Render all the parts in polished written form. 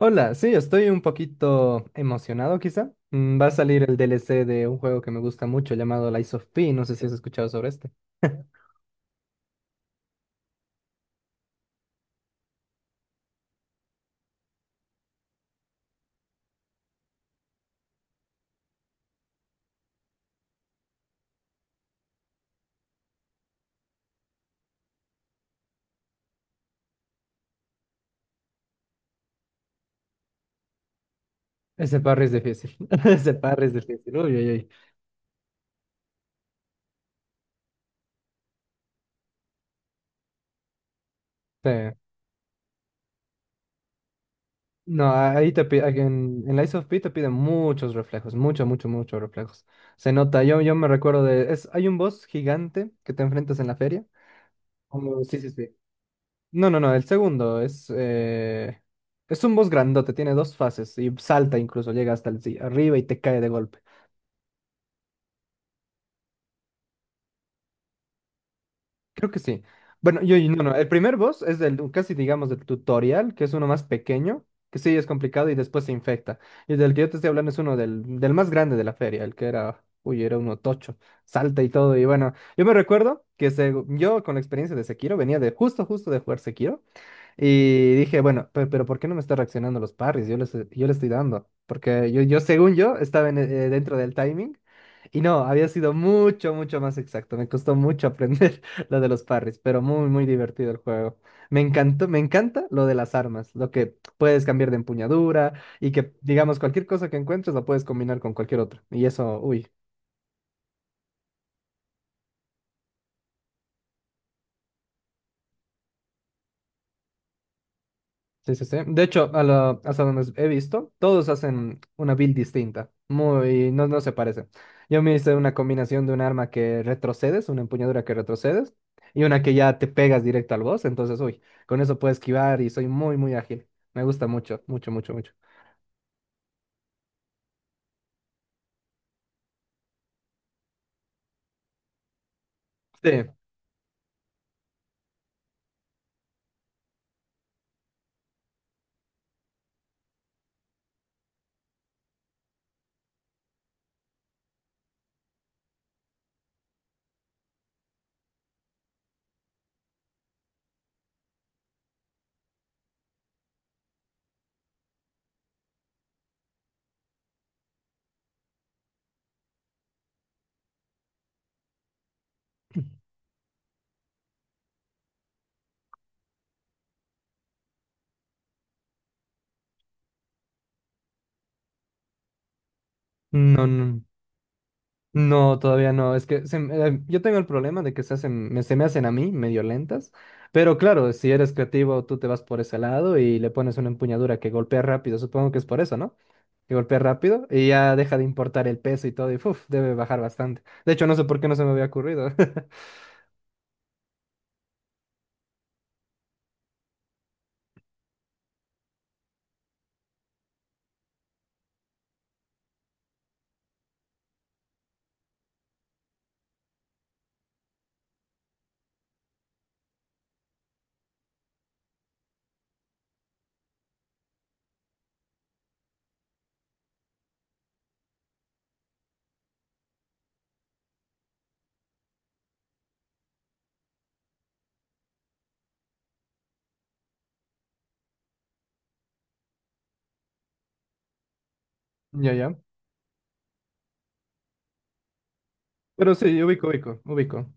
Hola, sí, estoy un poquito emocionado quizá. Va a salir el DLC de un juego que me gusta mucho llamado Lies of P. No sé si has escuchado sobre este. Ese parry es difícil. Ese parry es difícil. Uy, uy, uy. Sí. No, ahí aquí en Lies of P te piden muchos reflejos, mucho, mucho, muchos reflejos. Se nota, yo me recuerdo de, es, hay un boss gigante que te enfrentas en la feria. Oh, sí, sí, sí. No, no, no, el segundo es un boss grandote, tiene dos fases y salta incluso, llega hasta el, sí, arriba y te cae de golpe. Creo que sí. Bueno, no, no. El primer boss es del, casi digamos del tutorial, que es uno más pequeño, que sí es complicado y después se infecta. Y del que yo te estoy hablando es uno del, del más grande de la feria, el que era, uy, era uno tocho, salta y todo. Y bueno, yo me recuerdo que se, yo con la experiencia de Sekiro venía de justo, justo de jugar Sekiro. Y dije, bueno, pero, ¿por qué no me está reaccionando los parries? Yo le estoy dando. Porque según yo, estaba dentro del timing. Y no, había sido mucho, mucho más exacto. Me costó mucho aprender lo de los parries, pero muy, muy divertido el juego. Me encantó, me encanta lo de las armas, lo que puedes cambiar de empuñadura y que, digamos, cualquier cosa que encuentres la puedes combinar con cualquier otra. Y eso, uy. Sí, sí, sí. De hecho, hasta donde he visto, todos hacen una build distinta. Muy, no, no se parece. Yo me hice una combinación de un arma que retrocedes, una empuñadura que retrocedes, y una que ya te pegas directo al boss. Entonces, uy, con eso puedo esquivar y soy muy, muy ágil. Me gusta mucho, mucho, mucho, mucho. Sí. No, no, no, todavía no. Es que yo tengo el problema de que se me hacen a mí medio lentas. Pero claro, si eres creativo, tú te vas por ese lado y le pones una empuñadura que golpea rápido. Supongo que es por eso, ¿no? Que golpea rápido y ya deja de importar el peso y todo y uf, debe bajar bastante. De hecho, no sé por qué no se me había ocurrido. Ya, ya. Pero sí, ubico, ubico, ubico.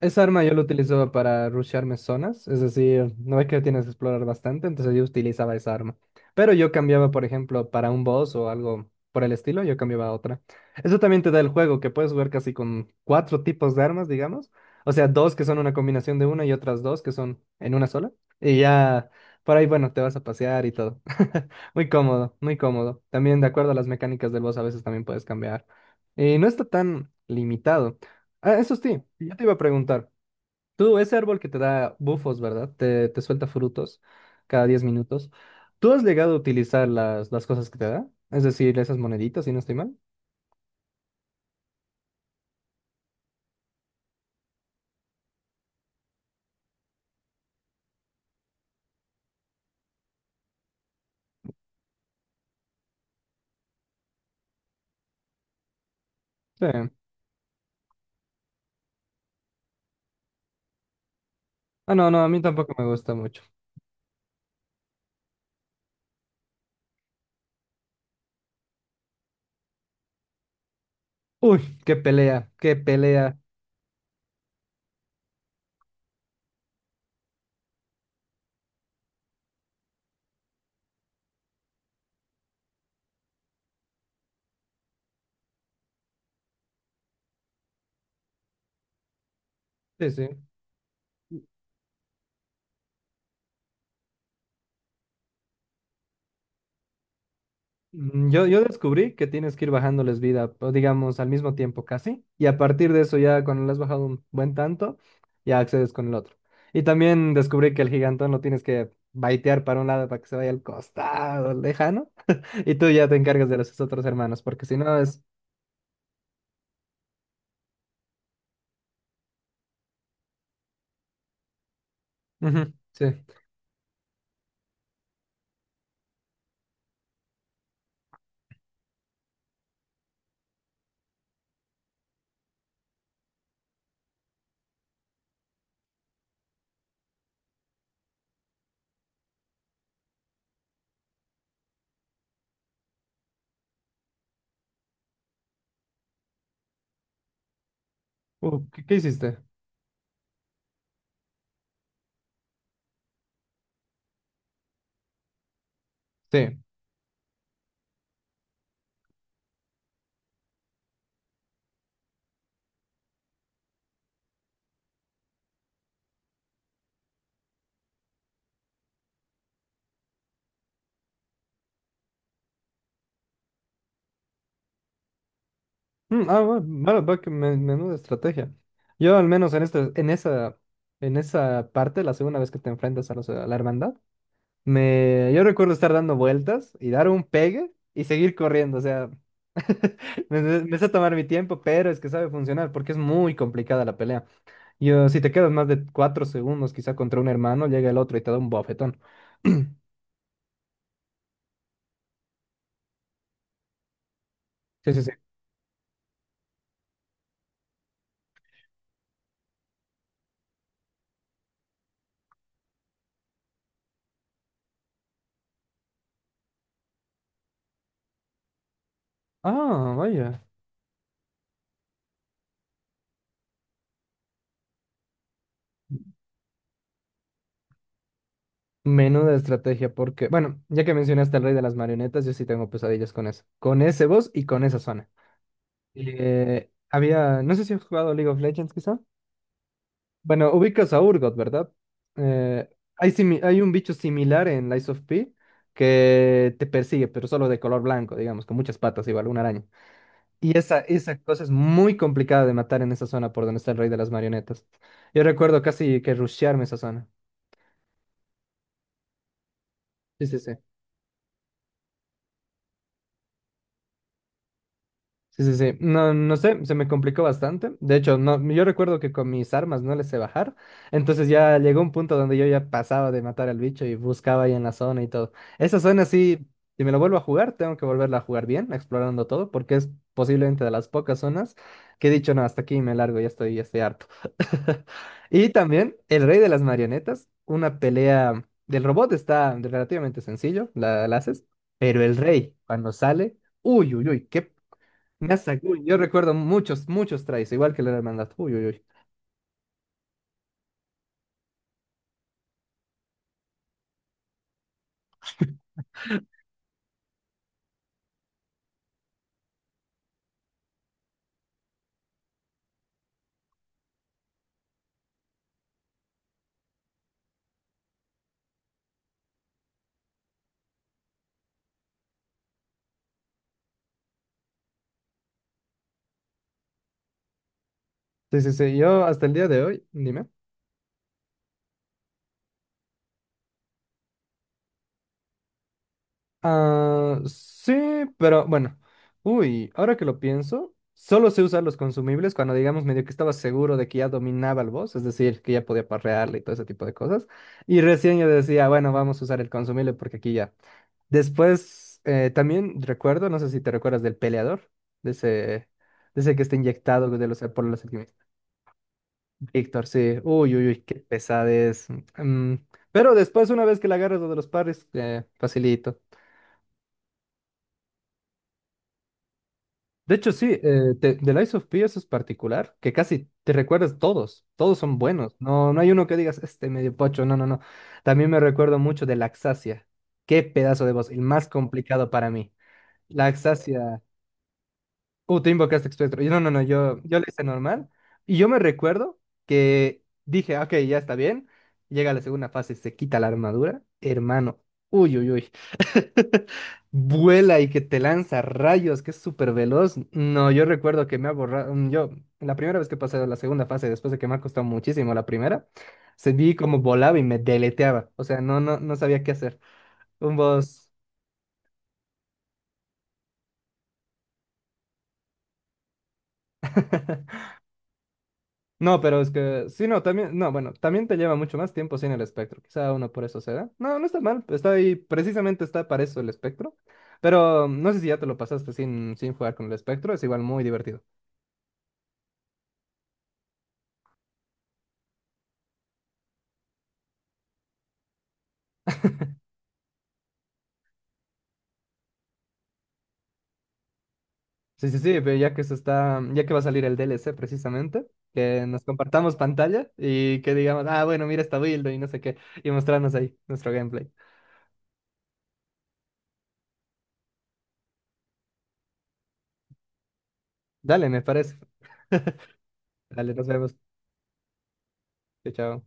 Esa arma yo la utilizaba para rushearme zonas, es decir, no es que tienes que explorar bastante, entonces yo utilizaba esa arma. Pero yo cambiaba, por ejemplo, para un boss o algo por el estilo, yo cambiaba a otra. Eso también te da el juego, que puedes jugar casi con cuatro tipos de armas, digamos. O sea, dos que son una combinación de una y otras dos que son en una sola. Y ya por ahí, bueno, te vas a pasear y todo. Muy cómodo, muy cómodo. También de acuerdo a las mecánicas del boss, a veces también puedes cambiar. Y no está tan limitado. Ah, eso sí, yo te iba a preguntar. Tú, ese árbol que te da bufos, ¿verdad? Te suelta frutos cada diez minutos. ¿Tú has llegado a utilizar las cosas que te da? Es decir, esas moneditas, si no estoy mal. Sí. Ah, no, no, a mí tampoco me gusta mucho. Uy, qué pelea, qué pelea. Sí, sí. Yo descubrí que tienes que ir bajándoles vida, o digamos, al mismo tiempo casi. Y a partir de eso, ya cuando le has bajado un buen tanto, ya accedes con el otro. Y también descubrí que el gigantón lo tienes que baitear para un lado para que se vaya al costado, lejano. Y tú ya te encargas de los otros hermanos, porque si no es... Ujú, sí. ¿Qué hiciste? Sí. Mm, ah, bueno, vale, va que menuda estrategia. Yo al menos en este, en esa parte, la segunda vez que te enfrentas a, a la hermandad, me, yo recuerdo estar dando vueltas y dar un pegue y seguir corriendo. O sea, me sé tomar mi tiempo, pero es que sabe funcionar porque es muy complicada la pelea. Yo, si te quedas más de cuatro segundos quizá contra un hermano, llega el otro y te da un bofetón. Sí, sí, sí. Ah, vaya. Menuda estrategia, porque, bueno, ya que mencionaste al rey de las marionetas, yo sí tengo pesadillas con eso. Con ese boss y con esa zona. Había, no sé si has jugado League of Legends, quizá. Bueno, ubicas a Urgot, ¿verdad? Eh, hay un bicho similar en Lies of P que te persigue, pero solo de color blanco, digamos, con muchas patas, igual, una araña. Y esa cosa es muy complicada de matar en esa zona por donde está el rey de las marionetas. Yo recuerdo casi que rushearme esa zona. Sí, sí, sí. Sí, sí, sí. No, no sé, se me complicó bastante. De hecho, no, yo recuerdo que con mis armas no les sé bajar. Entonces ya llegó un punto donde yo ya pasaba de matar al bicho y buscaba ahí en la zona y todo. Esa zona sí, si me lo vuelvo a jugar, tengo que volverla a jugar bien, explorando todo, porque es posiblemente de las pocas zonas que he dicho, no, hasta aquí me largo, ya estoy harto. Y también el rey de las marionetas, una pelea del robot está relativamente sencillo, la haces, pero el rey, cuando sale, uy, uy, uy, qué masa, uy, yo recuerdo muchos, muchos tries, igual que la hermandad. Uy, uy, uy. Sí, sí, sí, yo hasta el día de hoy, dime. Ah, sí, pero bueno. Uy, ahora que lo pienso, solo sé usar los consumibles cuando digamos medio que estaba seguro de que ya dominaba el boss, es decir, que ya podía parrearle y todo ese tipo de cosas. Y recién yo decía, bueno, vamos a usar el consumible porque aquí ya. Después, también recuerdo, no sé si te recuerdas del peleador, de ese que está inyectado de los, por los alquimistas. Víctor, sí. Uy, uy, uy, qué pesadez. Mm, pero después, una vez que la agarras lo de los parries, facilito. De hecho, sí, The Lies of P eso es particular, que casi te recuerdas todos. Todos son buenos. No, no hay uno que digas, este medio pocho. No, no, no. También me recuerdo mucho de Laxacia. Qué pedazo de voz. El más complicado para mí. Laxacia. Tú invocaste espectro. Yo, no, no, no, yo le hice normal. Y yo me recuerdo que dije, "Ah, ok, ya está bien. Llega la segunda fase, se quita la armadura. Hermano, uy, uy, uy. Vuela y que te lanza rayos, que es súper veloz. No, yo recuerdo que me ha borrado. Yo, la primera vez que pasé a la segunda fase, después de que me ha costado muchísimo la primera, se vi como volaba y me deleteaba. O sea, no, no, no sabía qué hacer. Un boss. No, pero es que, sí, no, también, no, bueno, también te lleva mucho más tiempo sin el espectro, quizá uno por eso se da. No, no está mal, pues, está ahí, precisamente está para eso el espectro, pero no sé si ya te lo pasaste sin jugar con el espectro, es igual muy divertido. Sí, sí, sí, pero ya que se está, ya que va a salir el DLC precisamente, que nos compartamos pantalla y que digamos, ah, bueno, mira esta build y no sé qué, y mostrarnos ahí nuestro gameplay. Dale, me parece. Dale, nos vemos. Chao, chao.